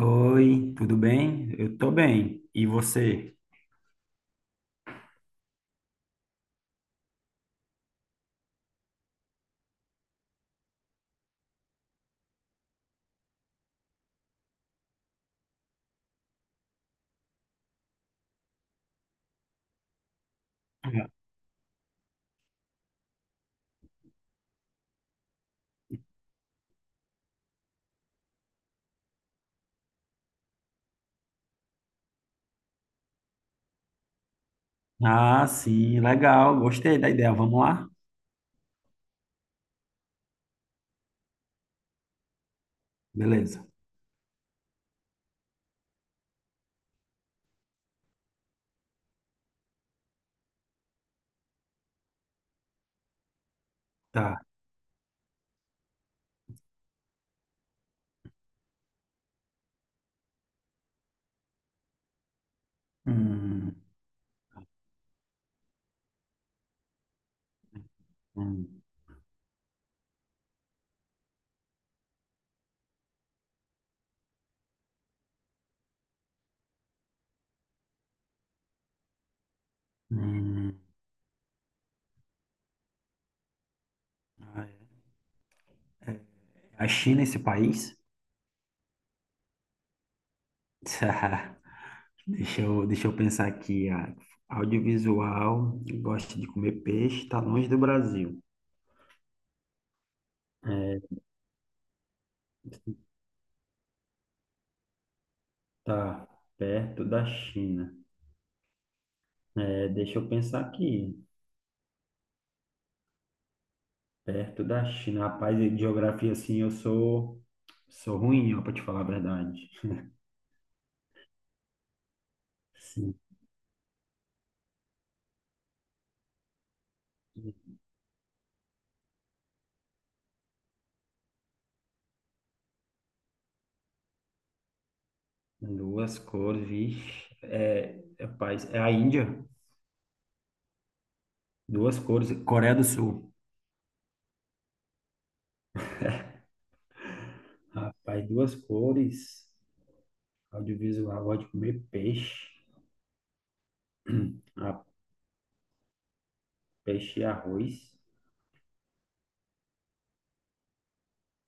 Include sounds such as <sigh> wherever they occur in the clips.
Oi, tudo bem? Eu tô bem. E você? Ah, sim, legal. Gostei da ideia. Vamos lá? Beleza. Tá. Hum, hum, hum. A China, é esse país? <laughs> Tá. Deixa eu pensar aqui. Ah, audiovisual, gosta de comer peixe, está longe do Brasil. É, tá perto da China. É, deixa eu pensar aqui. Perto da China. Rapaz, e geografia, assim, sou ruim, ó, para te falar a verdade. Sim. Duas cores, vixe. É, rapaz, é a Índia. Duas cores. Coreia do Sul. Rapaz, duas cores. Audiovisual, gosto de comer peixe. <clears throat> Ah, peixe e arroz.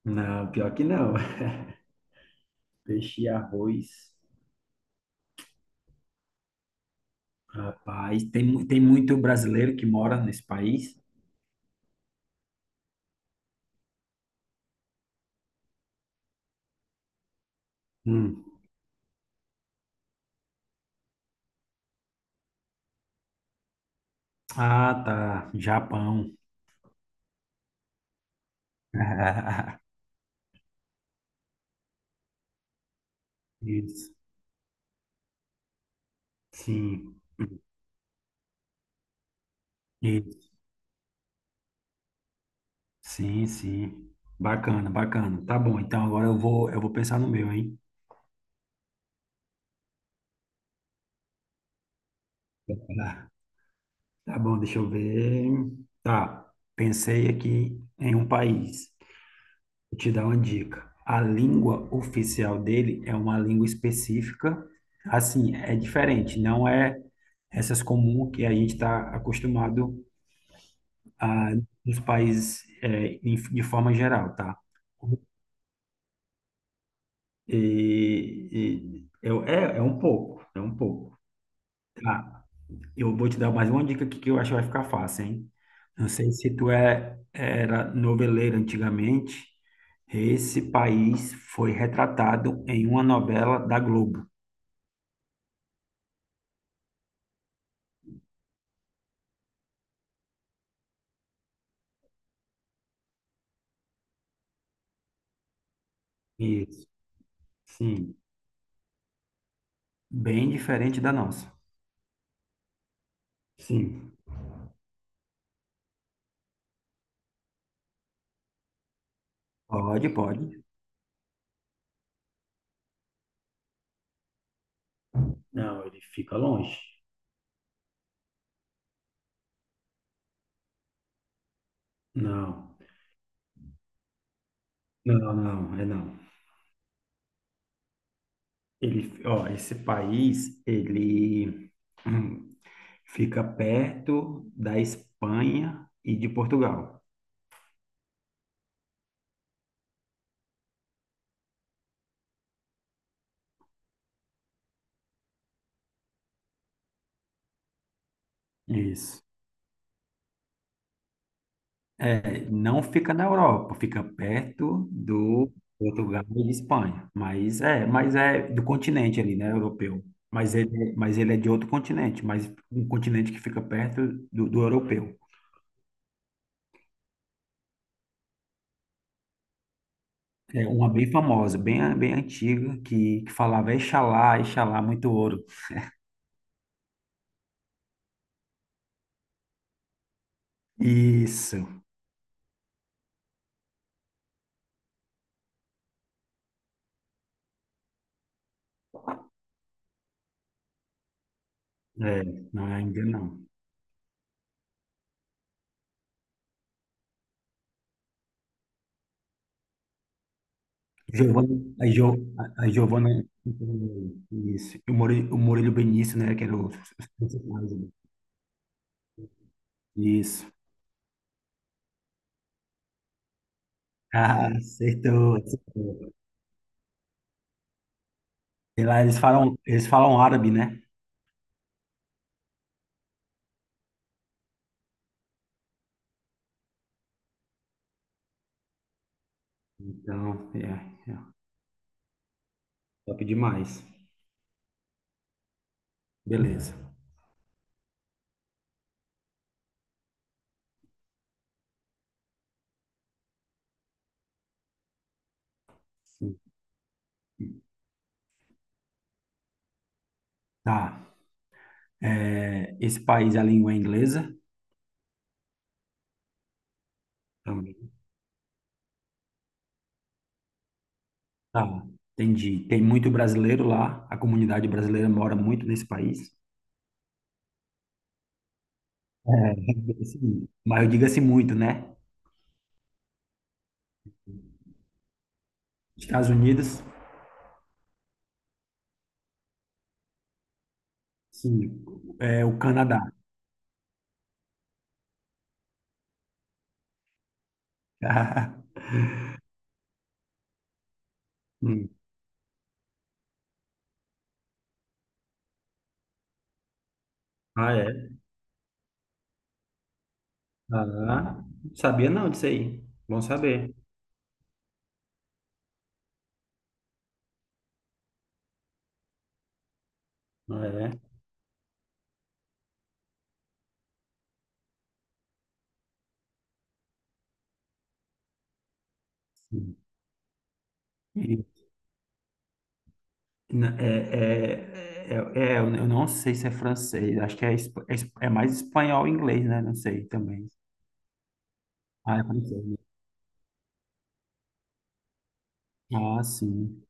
Não, pior que não. <laughs> Peixe e arroz. Rapaz, tem muito brasileiro que mora nesse país. Hum. Ah, tá. Japão. <laughs> Isso. Sim, isso. Sim, sim. Bacana, bacana. Tá bom, então eu vou pensar no meu, hein? Tá. Tá bom, deixa eu ver. Tá, pensei aqui em um país. Vou te dar uma dica. A língua oficial dele é uma língua específica. Assim, é diferente, não é essas comum que a gente está acostumado a nos países de forma geral, tá? É um pouco, é um pouco. Tá, eu vou te dar mais uma dica aqui que eu acho que vai ficar fácil, hein? Não sei se era noveleiro antigamente, esse país foi retratado em uma novela da Globo. Isso, sim, bem diferente da nossa. Sim, pode, pode. Não, ele fica longe. Não, não, não, é não. Esse país, ele hum, fica perto da Espanha e de Portugal. Isso. É, não fica na Europa, fica perto do Portugal e de Espanha. Mas é do continente ali, né, europeu. Mas ele é de outro continente, mas um continente que fica perto do, do europeu. É uma bem famosa, bem, bem antiga, que falava Exalá, Exalá, muito ouro. Isso. É, não é ainda não. Giovana, a, jo, a Giovana, isso. E o Murilo Benício, né, que era os principais, né? Isso. Ah, acertou, acertou. Sei lá, eles falam árabe, né? Então, é, é, top demais. Beleza. Tá. É, esse país, a língua é inglesa? Também. Tá, entendi. Tem muito brasileiro lá, a comunidade brasileira mora muito nesse país? É, <laughs> diga-se muito. Mas eu digo assim muito, né? Estados Unidos? Sim, é o Canadá. <laughs> Hum. Ah, é? Ah, sabia não disso aí. Bom saber. Ah, é. Sim. E na- É, é, é, eu não sei se é francês, acho que é mais espanhol e inglês, né? Não sei também. Ah, é francês, né? Ah, sim.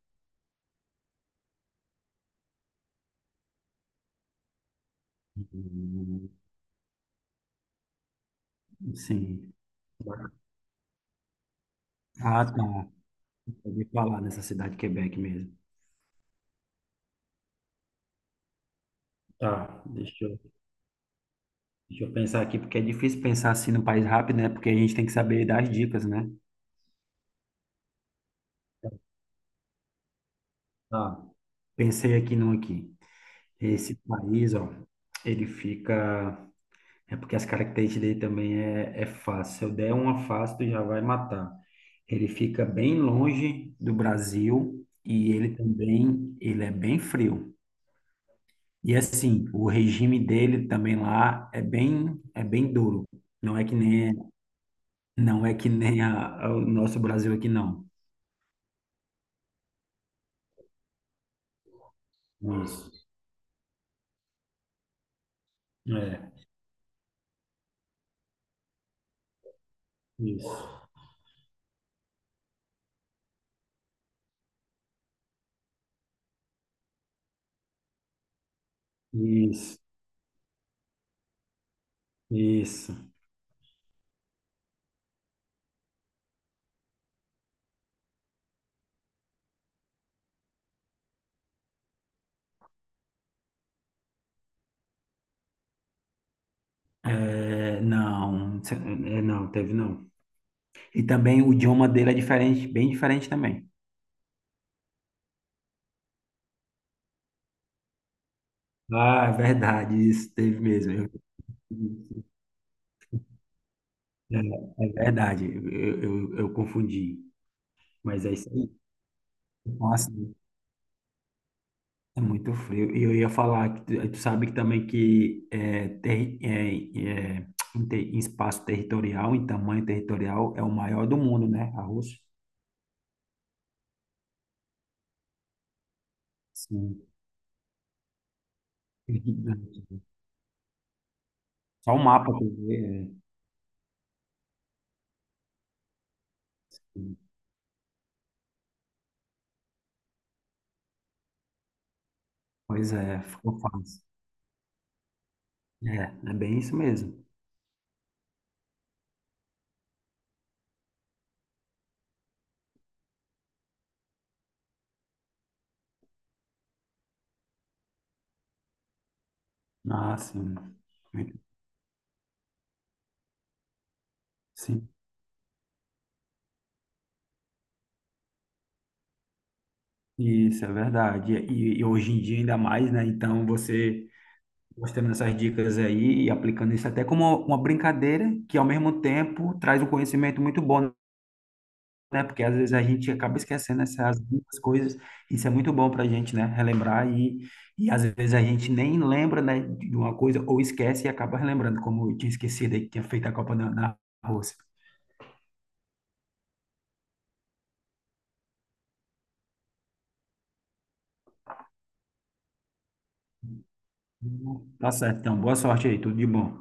Hum. Sim. Ah, tá. Eu ouvi falar nessa cidade de Quebec mesmo. Tá, deixa eu pensar aqui, porque é difícil pensar assim no país rápido, né? Porque a gente tem que saber das dicas, né? Ah, pensei aqui num aqui. Esse país, ó, ele fica. É porque as características dele também é fácil. Se eu der uma fácil, tu já vai matar. Ele fica bem longe do Brasil e ele também, ele é bem frio. E assim, o regime dele também lá é é bem duro. Não é que nem, não é que nem o nosso Brasil aqui, não. Isso. É, isso. Isso, isso. É, não, teve não. E também o idioma dele é diferente, bem diferente também. Ah, é verdade, isso teve mesmo. Eu confundi. Mas é isso aí. Nossa, é muito frio. E eu ia falar que tu sabe que também que é, terri- é, é, em, te- em espaço territorial, em tamanho territorial, é o maior do mundo, né? A Rússia. Sim. É gigante. Só o mapa que eu vi, é. Pois é, ficou fácil. É, é bem isso mesmo. Ah, sim. Muito-. Sim, isso é verdade. E hoje em dia ainda mais, né? Então você mostrando essas dicas aí e aplicando isso até como uma brincadeira, que ao mesmo tempo traz um conhecimento muito bom, né? Porque às vezes a gente acaba esquecendo essas duas coisas. Isso é muito bom para a gente, né? Relembrar e às vezes a gente nem lembra, né, de uma coisa ou esquece e acaba relembrando, como eu tinha esquecido aí que tinha feito a Copa da Rússia. Tá certo, então. Boa sorte aí, tudo de bom.